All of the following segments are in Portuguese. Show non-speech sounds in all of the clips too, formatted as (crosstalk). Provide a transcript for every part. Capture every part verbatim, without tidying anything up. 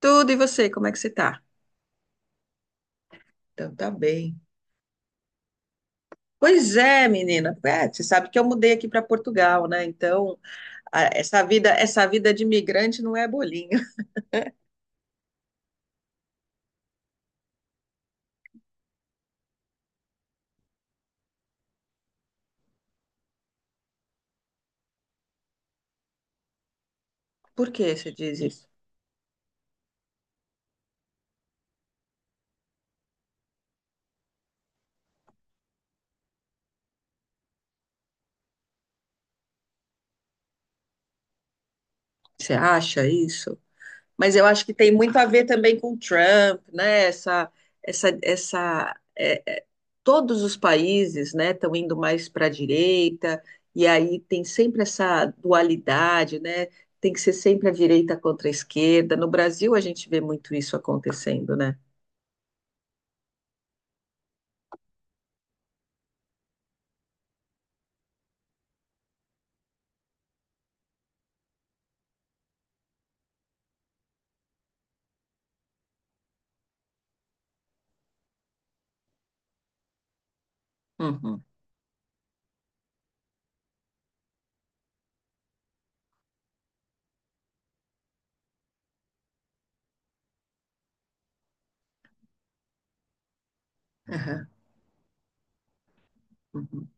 Tudo, e você, como é que você tá? Então, tá bem. Pois é, menina. É, você sabe que eu mudei aqui para Portugal, né? Então, a- essa vida, essa vida de imigrante não é bolinho. (laughs) Por que você diz isso? Você acha isso? Mas eu acho que tem muito a ver também com o Trump, né? Essa, essa, essa, é, é, Todos os países, né, estão indo mais para a direita, e aí tem sempre essa dualidade, né? Tem que ser sempre a direita contra a esquerda. No Brasil, a gente vê muito isso acontecendo, né? Uhum, aham, uhum.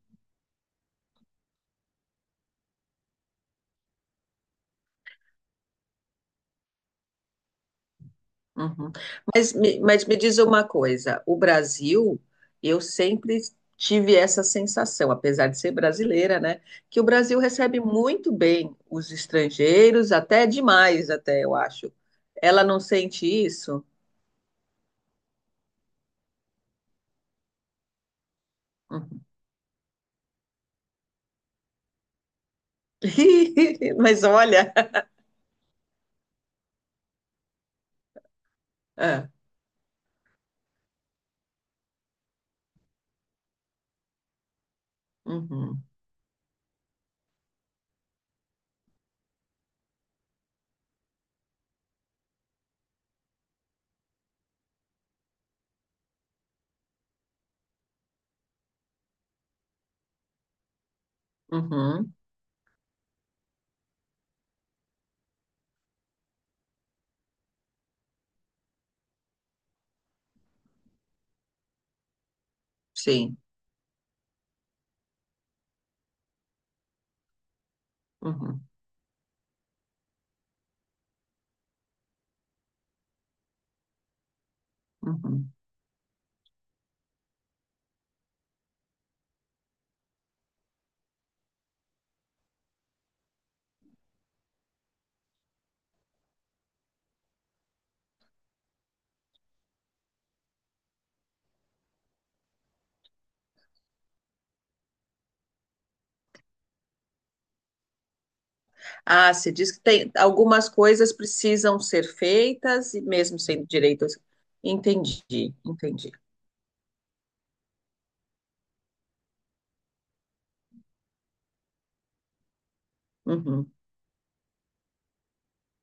Uhum. Mas, me- mas me diz uma coisa, o Brasil, eu sempre tive essa sensação, apesar de ser brasileira, né, que o Brasil recebe muito bem os estrangeiros, até demais, até eu acho. Ela não sente isso? Uhum. (laughs) Mas olha, é. Uhum. Uhum. Sim. Uhum. Uhum. Ah, você diz que tem algumas coisas precisam ser feitas e mesmo sendo direitos. Entendi, entendi. Uhum.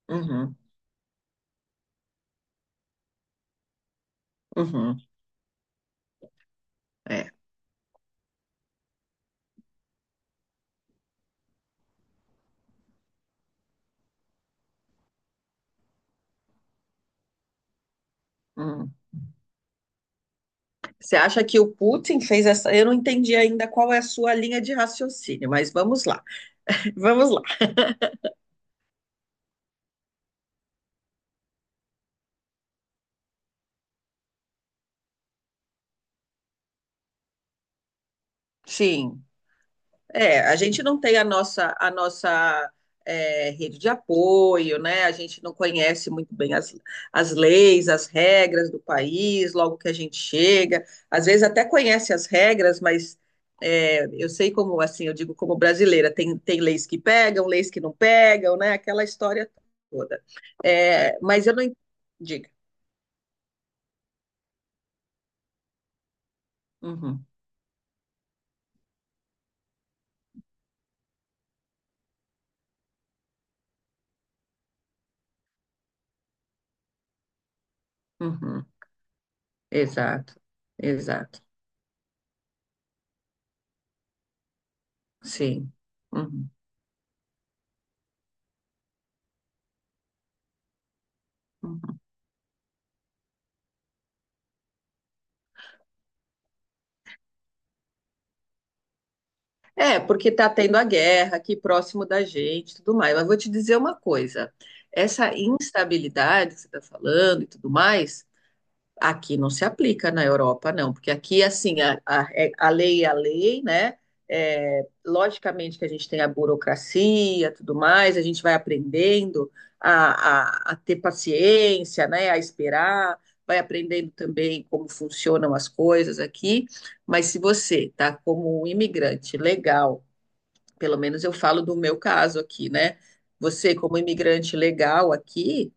Uhum, uhum, é. Uhum. Você acha que o Putin fez essa? Eu não entendi ainda qual é a sua linha de raciocínio, mas vamos lá. Vamos lá. Sim. É, a gente não tem a nossa, a nossa é, rede de apoio, né? A gente não conhece muito bem as, as leis, as regras do país, logo que a gente chega. Às vezes até conhece as regras, mas é, eu sei como, assim, eu digo como brasileira, tem, tem leis que pegam, leis que não pegam, né? Aquela história toda. É, mas eu não en- diga. Uhum, uhum. Exato, exato. Sim. Uhum. Uhum. É, porque está tendo a guerra aqui próximo da gente, e tudo mais. Mas vou te dizer uma coisa: essa instabilidade que você está falando e tudo mais, aqui não se aplica na Europa, não, porque aqui, assim, a, a- é- a lei é a lei, né? É, logicamente que a gente tem a burocracia, tudo mais, a gente vai aprendendo a, a, a ter paciência, né? A esperar, vai aprendendo também como funcionam as coisas aqui. Mas se você está como um imigrante legal, pelo menos eu falo do meu caso aqui, né? Você, como imigrante legal aqui,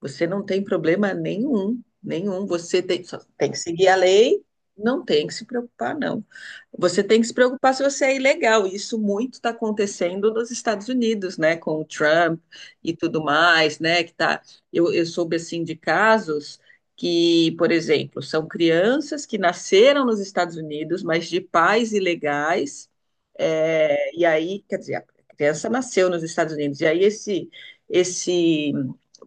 você não tem problema nenhum, nenhum. Você tem, só tem que seguir a lei, não tem que se preocupar, não. Você tem que se preocupar se você é ilegal. Isso muito está acontecendo nos Estados Unidos, né? Com o Trump e tudo mais, né? Que tá, eu, eu soube assim de casos que, por exemplo, são crianças que nasceram nos Estados Unidos, mas de pais ilegais. É, e aí, quer dizer, a criança nasceu nos Estados Unidos. E aí esse esse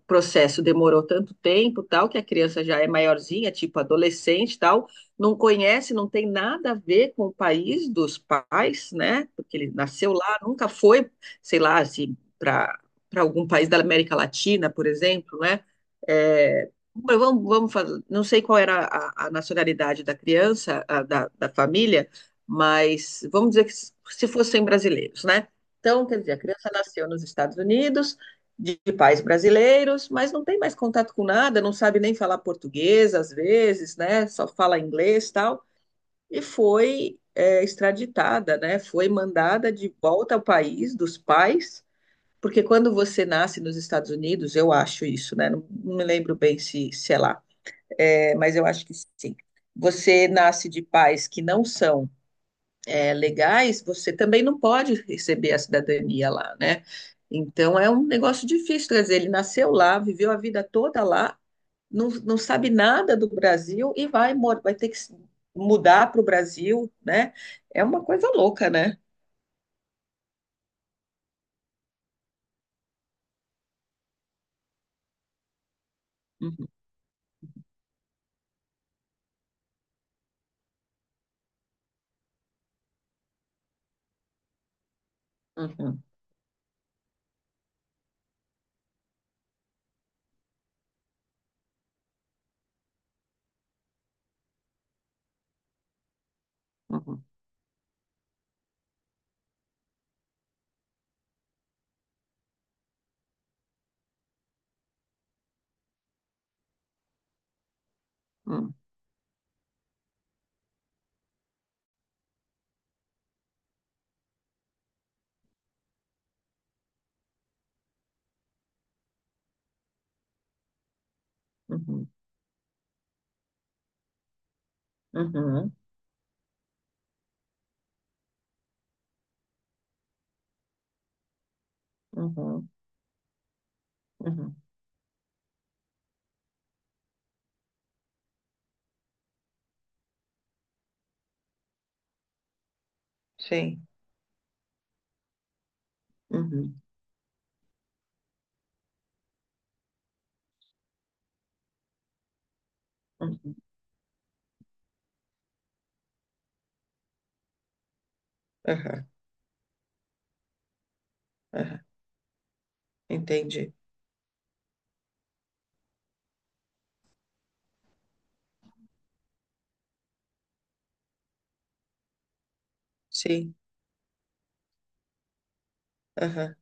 processo demorou tanto tempo, tal, que a criança já é maiorzinha, tipo adolescente, tal, não conhece, não tem nada a ver com o país dos pais, né? Porque ele nasceu lá, nunca foi, sei lá, assim, para para algum país da América Latina, por exemplo, né? É, mas vamos, vamos fazer, não sei qual era a, a nacionalidade da criança, a da, da família, mas vamos dizer que se fossem brasileiros, né? Então, quer dizer, a criança nasceu nos Estados Unidos, de pais brasileiros, mas não tem mais contato com nada, não sabe nem falar português às vezes, né? Só fala inglês e tal. E foi, é, extraditada, né? Foi mandada de volta ao país dos pais, porque quando você nasce nos Estados Unidos, eu acho isso, né? Não, não me lembro bem se, se é lá, é, mas eu acho que sim. Você nasce de pais que não são, é, legais, você também não pode receber a cidadania lá, né? Então é um negócio difícil trazer. Ele nasceu lá, viveu a vida toda lá, não, não sabe nada do Brasil e vai, mor- vai ter que se mudar para o Brasil, né? É uma coisa louca, né? Uhum, uhum, uhum, uhum, uhum, uhum, uhum, uhum. Sim. Uhum, uhum, aham, aham. Entendi. Sim. Aham.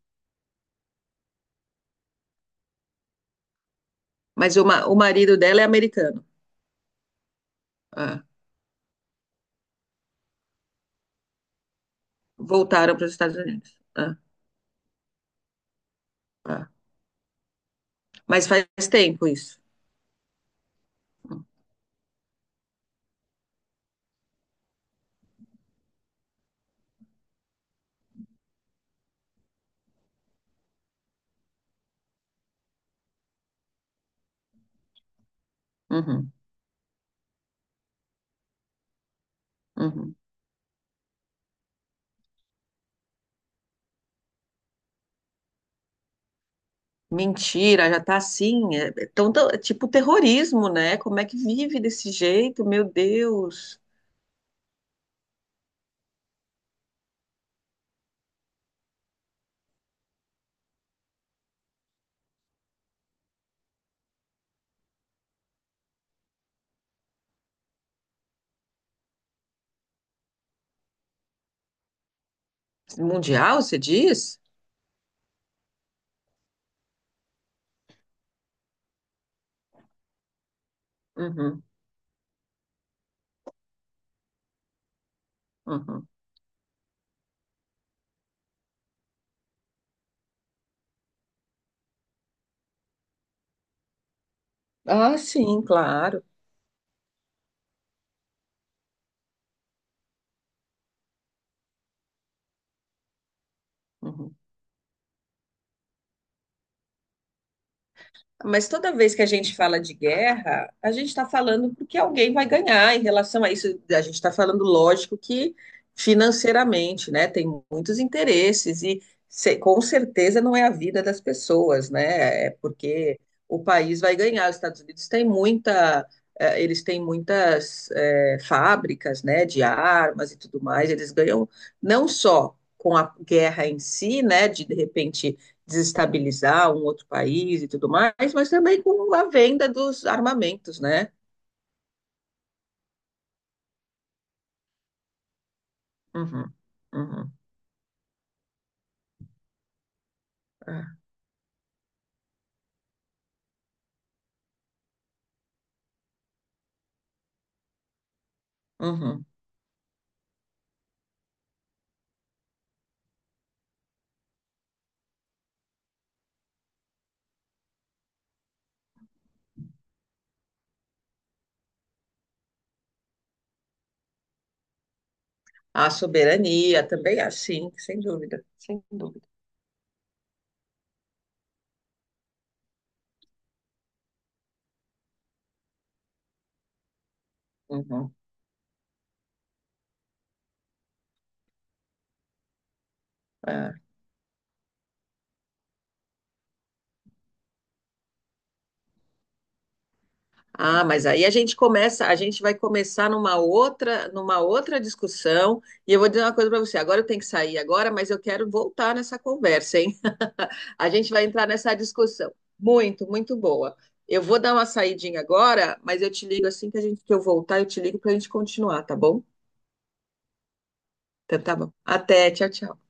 Mas o, ma- o marido dela é americano. Ah. Voltaram para os Estados Unidos. Ah, ah. Mas faz tempo isso. Uhum, uhum. Mentira, já tá assim. É, é tão- tão- é tipo terrorismo, né? Como é que vive desse jeito? Meu Deus. Mundial, você diz? Uhum, uhum. Ah, sim, claro. Uhum. Mas toda vez que a gente fala de guerra, a gente está falando porque alguém vai ganhar em relação a isso. A gente está falando, lógico, que financeiramente, né? Tem muitos interesses e se- com certeza não é a vida das pessoas, né? É porque o país vai ganhar. Os Estados Unidos têm muita, eh, eles têm muitas eh, fábricas, né? De armas e tudo mais. Eles ganham não só com a guerra em si, né? De, de repente desestabilizar um outro país e tudo mais, mas também com a venda dos armamentos, né? Uhum, uhum, é, uhum. A soberania também, assim, sem dúvida, sem dúvida. Uhum, é. Ah, mas aí a gente começa, a gente vai começar numa outra, numa outra discussão, e eu vou dizer uma coisa para você. Agora eu tenho que sair agora, mas eu quero voltar nessa conversa, hein? (laughs) A gente vai entrar nessa discussão. Muito, muito boa. Eu vou dar uma saidinha agora, mas eu te ligo assim que a gente, que eu voltar, eu te ligo para a gente continuar, tá bom? Então tá bom. Até, tchau, tchau.